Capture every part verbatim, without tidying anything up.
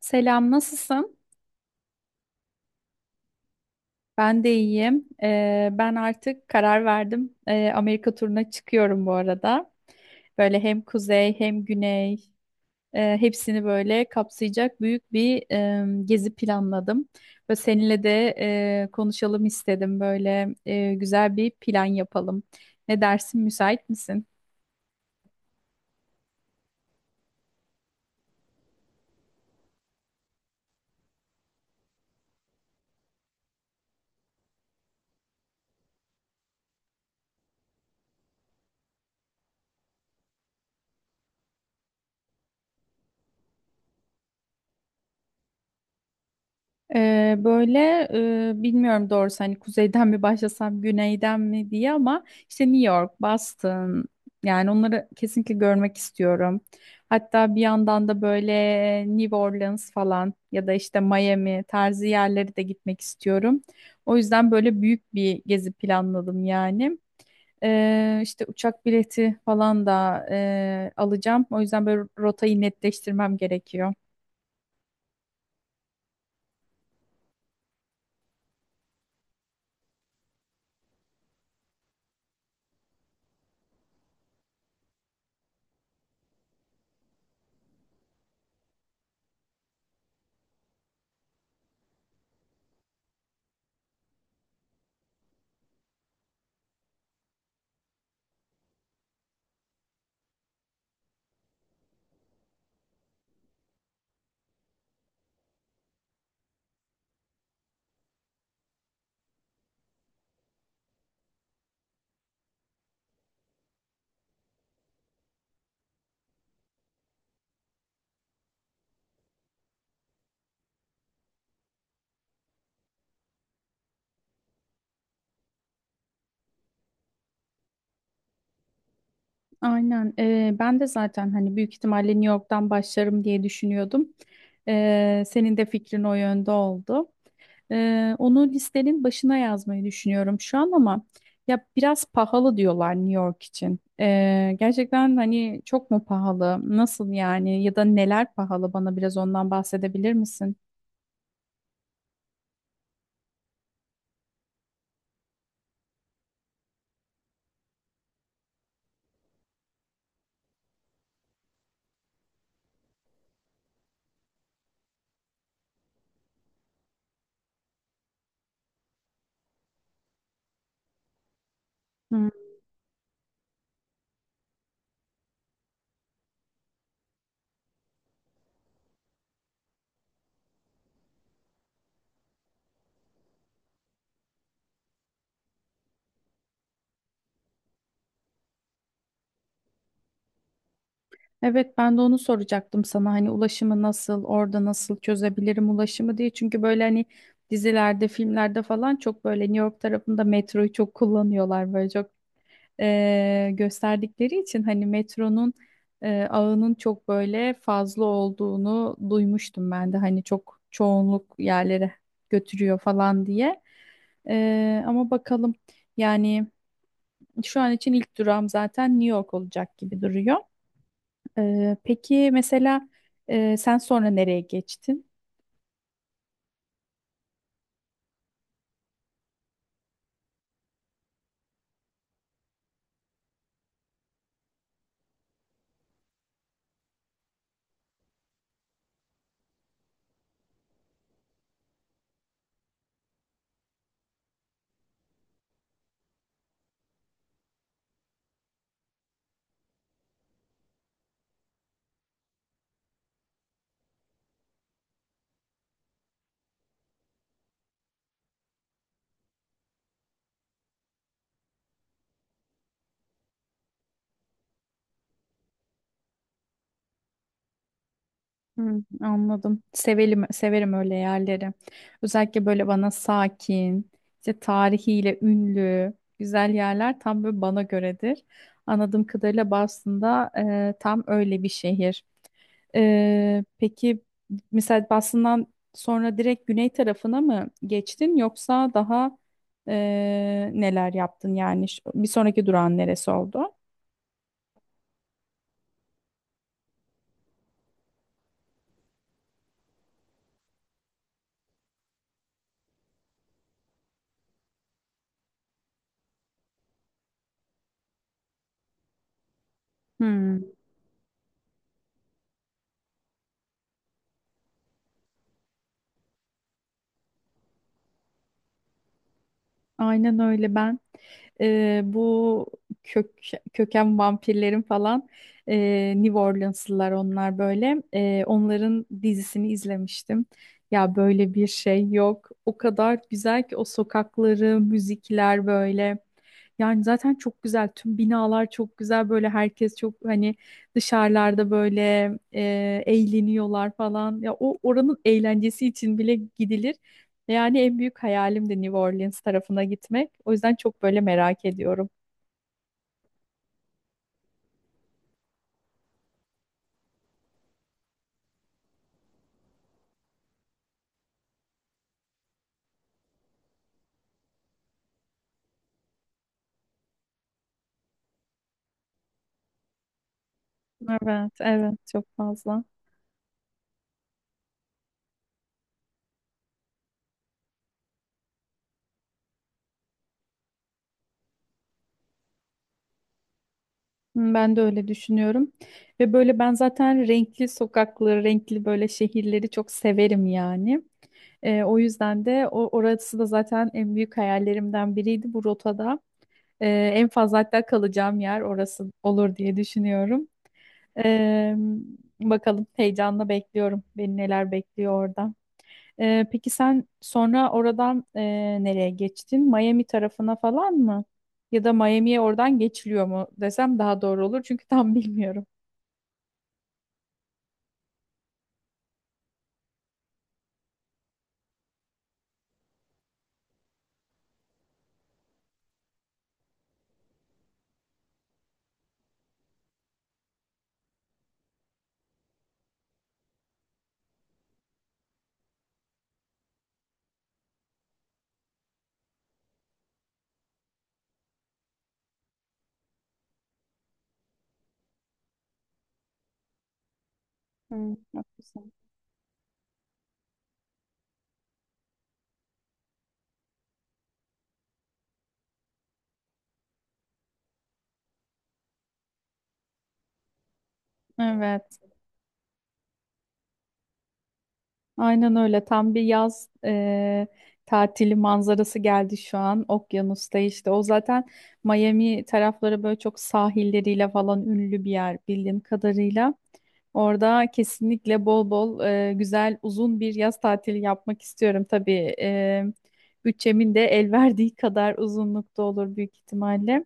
Selam, nasılsın? Ben de iyiyim. Ee, ben artık karar verdim. Ee, Amerika turuna çıkıyorum bu arada. Böyle hem kuzey hem güney e, hepsini böyle kapsayacak büyük bir e, gezi planladım. Ve seninle de e, konuşalım istedim. Böyle e, güzel bir plan yapalım. Ne dersin, müsait misin? Ee, böyle e, bilmiyorum doğrusu, hani kuzeyden mi başlasam güneyden mi diye, ama işte New York, Boston, yani onları kesinlikle görmek istiyorum. Hatta bir yandan da böyle New Orleans falan ya da işte Miami tarzı yerleri de gitmek istiyorum. O yüzden böyle büyük bir gezi planladım yani. Ee, işte uçak bileti falan da e, alacağım. O yüzden böyle rotayı netleştirmem gerekiyor. Aynen. Ee, ben de zaten hani büyük ihtimalle New York'tan başlarım diye düşünüyordum. Ee, senin de fikrin o yönde oldu. Ee, onu listenin başına yazmayı düşünüyorum şu an, ama ya biraz pahalı diyorlar New York için. Ee, gerçekten hani çok mu pahalı? Nasıl yani? Ya da neler pahalı? Bana biraz ondan bahsedebilir misin? Evet, ben de onu soracaktım sana, hani ulaşımı nasıl, orada nasıl çözebilirim ulaşımı diye, çünkü böyle hani dizilerde, filmlerde falan çok böyle New York tarafında metroyu çok kullanıyorlar, böyle çok eee, gösterdikleri için, hani metronun eee, ağının çok böyle fazla olduğunu duymuştum ben de, hani çok çoğunluk yerlere götürüyor falan diye. Eee, ama bakalım, yani şu an için ilk durağım zaten New York olacak gibi duruyor. Ee, peki mesela, e, sen sonra nereye geçtin? Hı, anladım. Sevelim, severim öyle yerleri. Özellikle böyle bana sakin, işte tarihiyle ünlü, güzel yerler tam böyle bana göredir. Anladığım kadarıyla Boston'da e, tam öyle bir şehir. E, peki mesela Boston'dan sonra direkt güney tarafına mı geçtin, yoksa daha e, neler yaptın yani? Ş- bir sonraki durağın neresi oldu? Aynen öyle. Ben e, bu kök köken vampirlerin falan, e, New Orleanslılar onlar böyle. E, onların dizisini izlemiştim. Ya böyle bir şey yok. O kadar güzel ki, o sokakları, müzikler böyle. Yani zaten çok güzel. Tüm binalar çok güzel. Böyle herkes çok, hani dışarılarda böyle e, eğleniyorlar falan. Ya o oranın eğlencesi için bile gidilir. Yani en büyük hayalim de New Orleans tarafına gitmek. O yüzden çok böyle merak ediyorum. Evet, evet çok fazla. Hmm, ben de öyle düşünüyorum. Ve böyle ben zaten renkli sokakları, renkli böyle şehirleri çok severim yani. Ee, o yüzden de o orası da zaten en büyük hayallerimden biriydi bu rotada. Ee, En fazla hatta kalacağım yer orası olur diye düşünüyorum. Ee, Bakalım, heyecanla bekliyorum. Beni neler bekliyor orada. Ee, peki sen sonra oradan e, nereye geçtin? Miami tarafına falan mı? Ya da Miami'ye oradan geçiliyor mu desem daha doğru olur, çünkü tam bilmiyorum. Hmm, haklısın. Evet, aynen öyle. Tam bir yaz e, tatili manzarası geldi şu an. Okyanusta işte. O zaten Miami tarafları böyle çok sahilleriyle falan ünlü bir yer bildiğim kadarıyla. Orada kesinlikle bol bol e, güzel uzun bir yaz tatili yapmak istiyorum. Tabii e, bütçemin de el verdiği kadar uzunlukta olur büyük ihtimalle.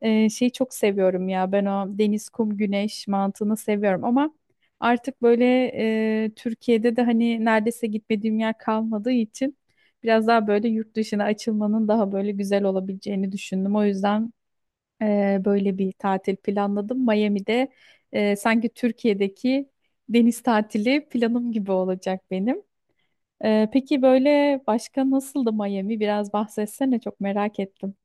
E, şeyi çok seviyorum ya, ben o deniz, kum, güneş mantığını seviyorum, ama artık böyle e, Türkiye'de de hani neredeyse gitmediğim yer kalmadığı için biraz daha böyle yurt dışına açılmanın daha böyle güzel olabileceğini düşündüm. O yüzden ee, böyle bir tatil planladım. Miami'de e, sanki Türkiye'deki deniz tatili planım gibi olacak benim. Ee, peki böyle başka nasıldı Miami? Biraz bahsetsene, çok merak ettim.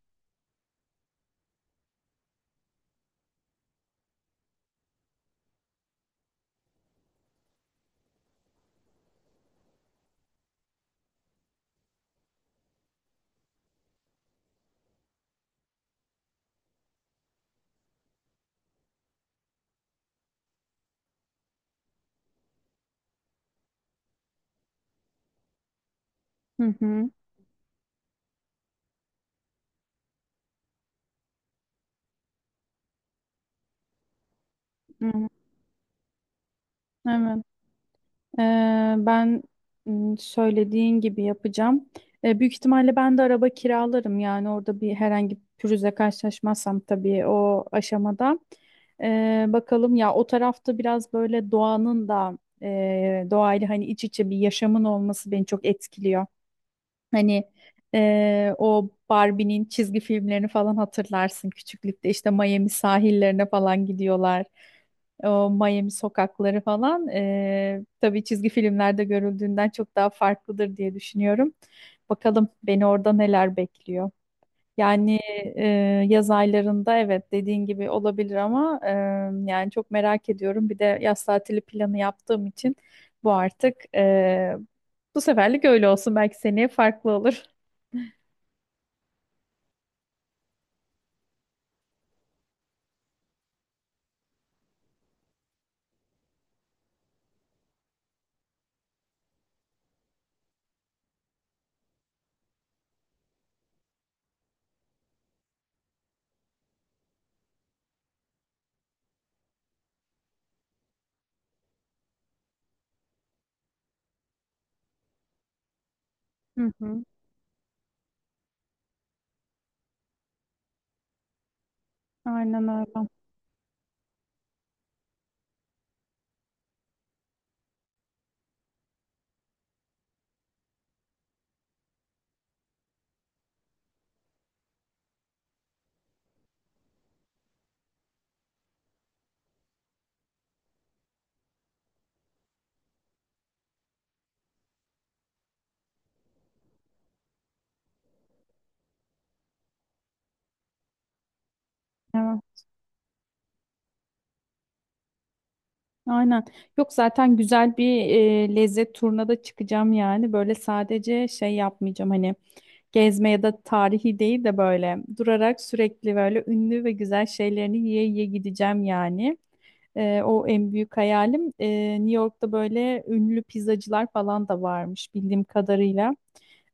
Hı hı. Hı. Evet. Ee, ben m, söylediğin gibi yapacağım. Ee, büyük ihtimalle ben de araba kiralarım yani orada, bir herhangi bir pürüzle karşılaşmazsam tabii o aşamada. Ee, bakalım, ya o tarafta biraz böyle doğanın da e, doğayla hani iç içe bir yaşamın olması beni çok etkiliyor. Hani eee, o Barbie'nin çizgi filmlerini falan hatırlarsın küçüklükte, İşte Miami sahillerine falan gidiyorlar. O Miami sokakları falan eee tabii çizgi filmlerde görüldüğünden çok daha farklıdır diye düşünüyorum. Bakalım beni orada neler bekliyor. Yani e, yaz aylarında, evet, dediğin gibi olabilir, ama e, yani çok merak ediyorum. Bir de yaz tatili planı yaptığım için bu artık e, bu seferlik öyle olsun. Belki seneye farklı olur. Hı hı. Aynen öyle. Evet. Aynen. Yok, zaten güzel bir e, lezzet turuna da çıkacağım yani. Böyle sadece şey yapmayacağım hani. Gezme ya da tarihi değil de böyle durarak sürekli böyle ünlü ve güzel şeylerini yiye yiye gideceğim yani. Ee, o en büyük hayalim. Ee, New York'ta böyle ünlü pizzacılar falan da varmış bildiğim kadarıyla.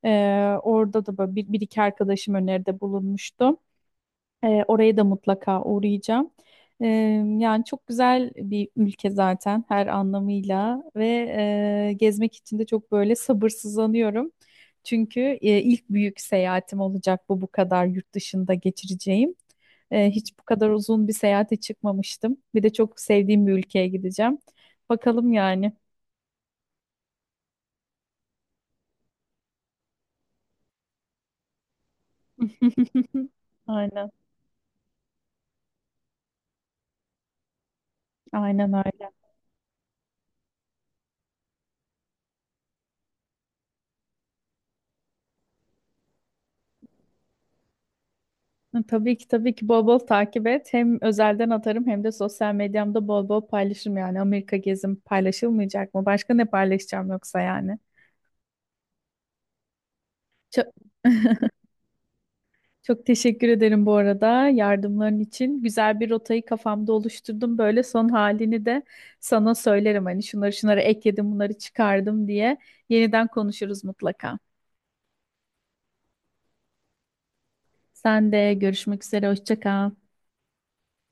Ee, orada da böyle bir, bir iki arkadaşım öneride bulunmuştu. Ee, oraya da mutlaka uğrayacağım. Ee, Yani çok güzel bir ülke zaten her anlamıyla, ve e, gezmek için de çok böyle sabırsızlanıyorum. Çünkü e, ilk büyük seyahatim olacak, bu bu kadar yurt dışında geçireceğim. Ee, hiç bu kadar uzun bir seyahate çıkmamıştım. Bir de çok sevdiğim bir ülkeye gideceğim. Bakalım yani. Aynen, aynen öyle. Hı, tabii ki tabii ki, bol bol takip et. Hem özelden atarım hem de sosyal medyamda bol bol paylaşırım yani. Amerika gezim paylaşılmayacak mı? Başka ne paylaşacağım yoksa yani? Çok, çok teşekkür ederim bu arada yardımların için. Güzel bir rotayı kafamda oluşturdum. Böyle son halini de sana söylerim. Hani şunları şunları ekledim, bunları çıkardım diye. Yeniden konuşuruz mutlaka. Sen de görüşmek üzere. Hoşça kal.